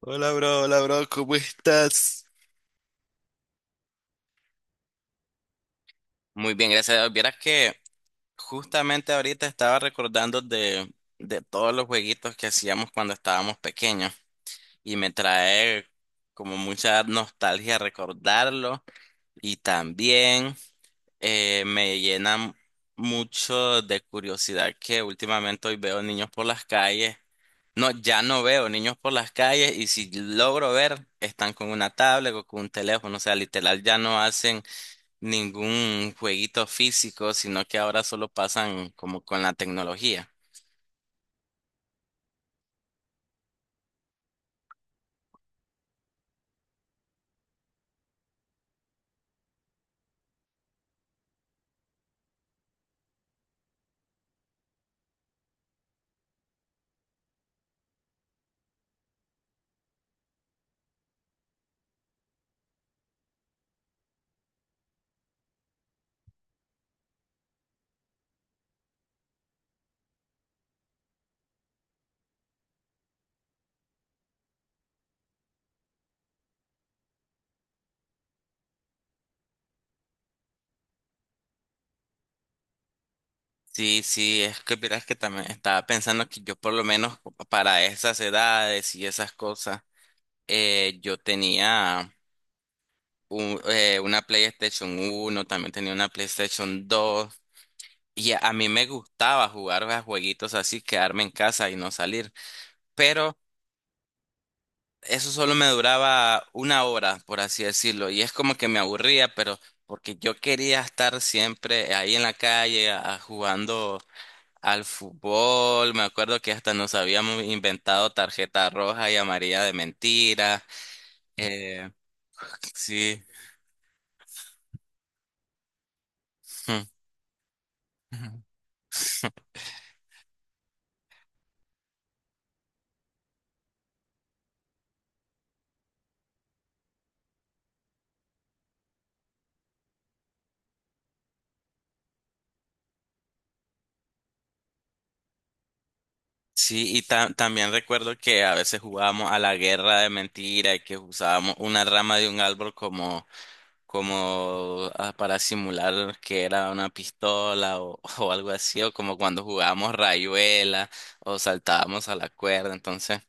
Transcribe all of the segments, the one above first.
Hola, bro, ¿cómo estás? Muy bien, gracias a Dios. Vieras que justamente ahorita estaba recordando de todos los jueguitos que hacíamos cuando estábamos pequeños y me trae como mucha nostalgia recordarlo. Y también me llena mucho de curiosidad que últimamente hoy veo niños por las calles. No, ya no veo niños por las calles, y si logro ver, están con una tablet o con un teléfono. O sea, literal, ya no hacen ningún jueguito físico, sino que ahora solo pasan como con la tecnología. Sí, sí, es que verás que también estaba pensando que yo, por lo menos para esas edades y esas cosas, yo tenía una PlayStation 1, también tenía una PlayStation 2, y a mí me gustaba jugar a jueguitos así, quedarme en casa y no salir. Pero eso solo me duraba una hora, por así decirlo, y es como que me aburría, pero porque yo quería estar siempre ahí en la calle jugando al fútbol. Me acuerdo que hasta nos habíamos inventado tarjeta roja y amarilla de mentira. Eh, sí. Sí, y también recuerdo que a veces jugábamos a la guerra de mentira y que usábamos una rama de un árbol como para simular que era una pistola, o, o algo así. O como cuando jugábamos rayuela o saltábamos a la cuerda. Entonces,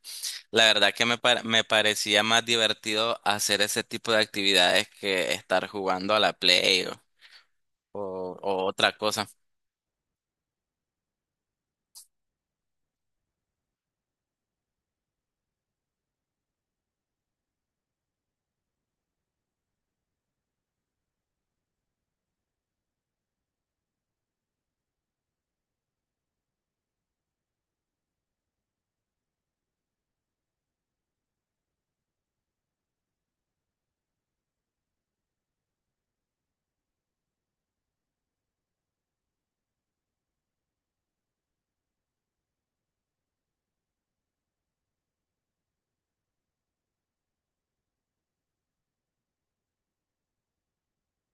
la verdad que me parecía más divertido hacer ese tipo de actividades que estar jugando a la Play o otra cosa.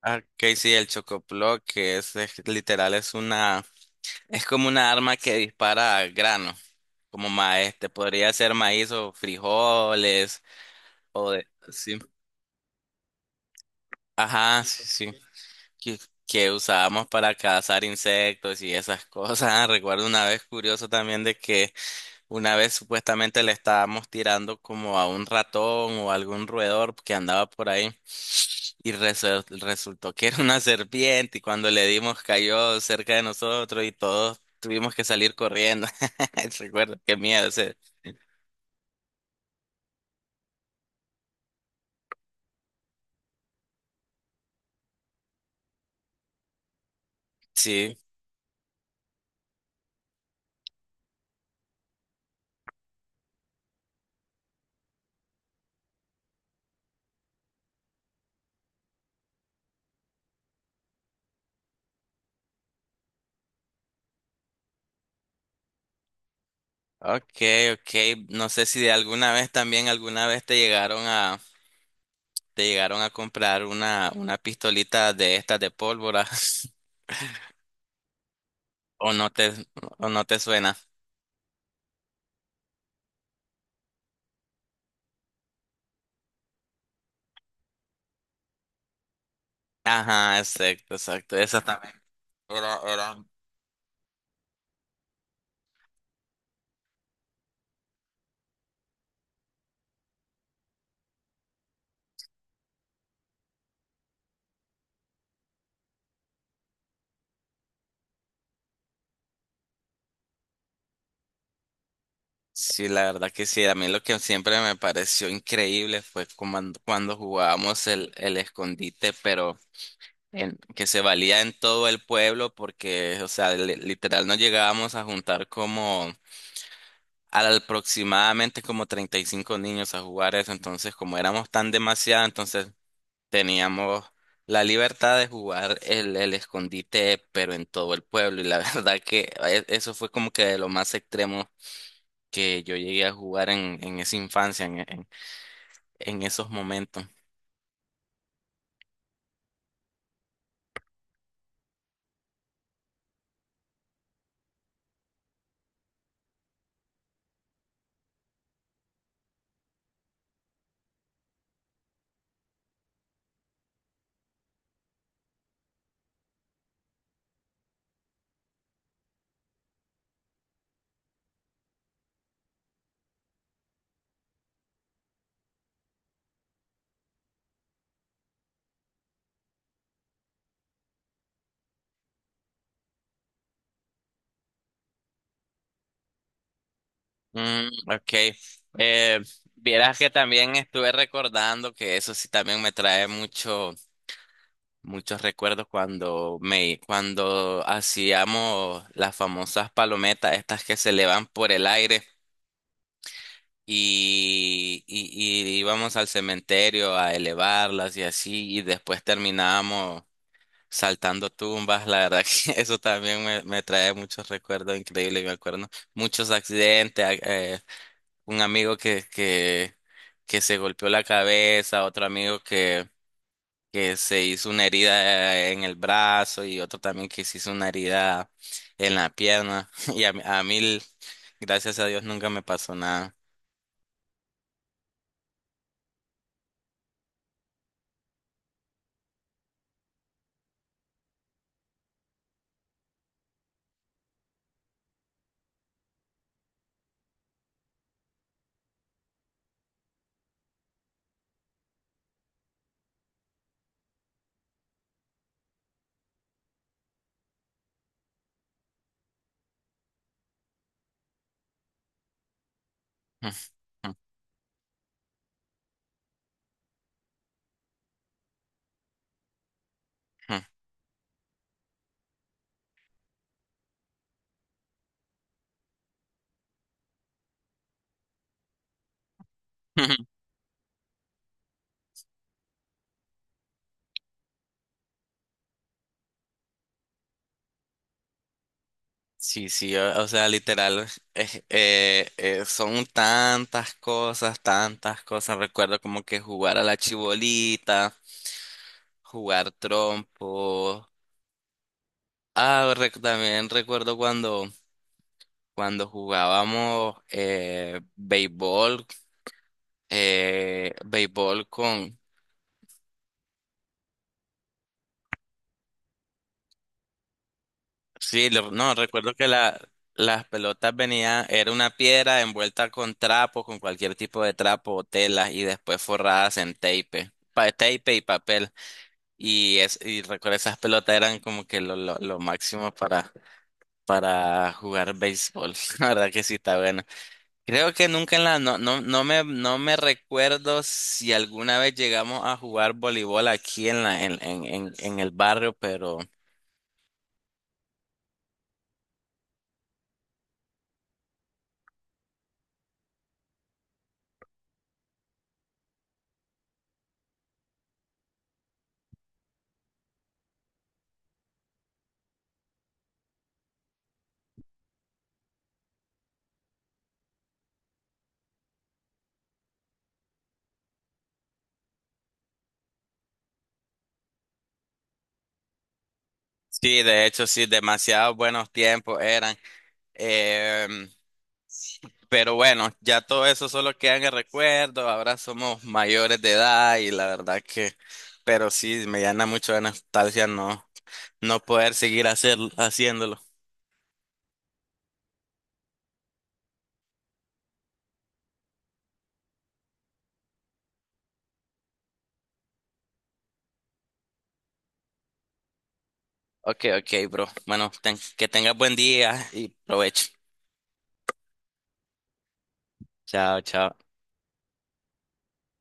Ah, que sí, el chocoplo, que es literal, es una, es como una arma que dispara al grano, como maíz, te podría ser maíz o frijoles, o de, sí. Ajá, sí, sí. Que, que usábamos para cazar insectos y esas cosas. Recuerdo una vez, curioso también, de que una vez supuestamente le estábamos tirando como a un ratón o algún roedor que andaba por ahí. Y resultó que era una serpiente, y cuando le dimos cayó cerca de nosotros y todos tuvimos que salir corriendo. Recuerdo, qué miedo. O sea, sí. Ok, ok. No sé si de alguna vez también, alguna vez te llegaron a ¿te llegaron a comprar una pistolita de estas de pólvora? ¿O no te, o no te suena? Ajá, exacto, exacto. Esa también. Era- era- Sí, la verdad que sí. A mí lo que siempre me pareció increíble fue cuando jugábamos el escondite, pero que se valía en todo el pueblo, porque, o sea, literal nos llegábamos a juntar como aproximadamente como 35 niños a jugar eso. Entonces, como éramos tan demasiados, entonces teníamos la libertad de jugar el escondite, pero en todo el pueblo. Y la verdad que eso fue como que de lo más extremo que yo llegué a jugar en esa infancia, en esos momentos. Mm, ok. Eh, Vieras que también estuve recordando que eso sí también me trae muchos recuerdos cuando cuando hacíamos las famosas palometas, estas que se elevan por el aire, y, íbamos al cementerio a elevarlas y así, y después terminábamos saltando tumbas. La verdad que eso también me trae muchos recuerdos increíbles, me acuerdo. Muchos accidentes, un amigo que se golpeó la cabeza, otro amigo que se hizo una herida en el brazo, y otro también que se hizo una herida en la pierna. Y a mí, gracias a Dios, nunca me pasó nada. Sí, sí, o sea, literal, son tantas cosas, tantas cosas. Recuerdo como que jugar a la chibolita, jugar trompo. Ah, también recuerdo cuando jugábamos béisbol, béisbol. Sí, lo- no, recuerdo que las pelotas venían, era una piedra envuelta con trapo, con cualquier tipo de trapo o tela, y después forradas en tape, tape y papel. Y, y recuerdo esas pelotas eran como que lo máximo para jugar béisbol. La verdad que sí, está bueno. Creo que nunca en la, no, no me recuerdo si alguna vez llegamos a jugar voleibol aquí en la, en el barrio. Sí, de hecho, sí, demasiados buenos tiempos eran. Em, pero bueno, ya todo eso solo queda en el recuerdo. Ahora somos mayores de edad y la verdad que, pero sí, me llena mucho de nostalgia no no poder seguir haciéndolo. Ok, ok, bro. Bueno, que tengas buen día y provecho. Chao, chao.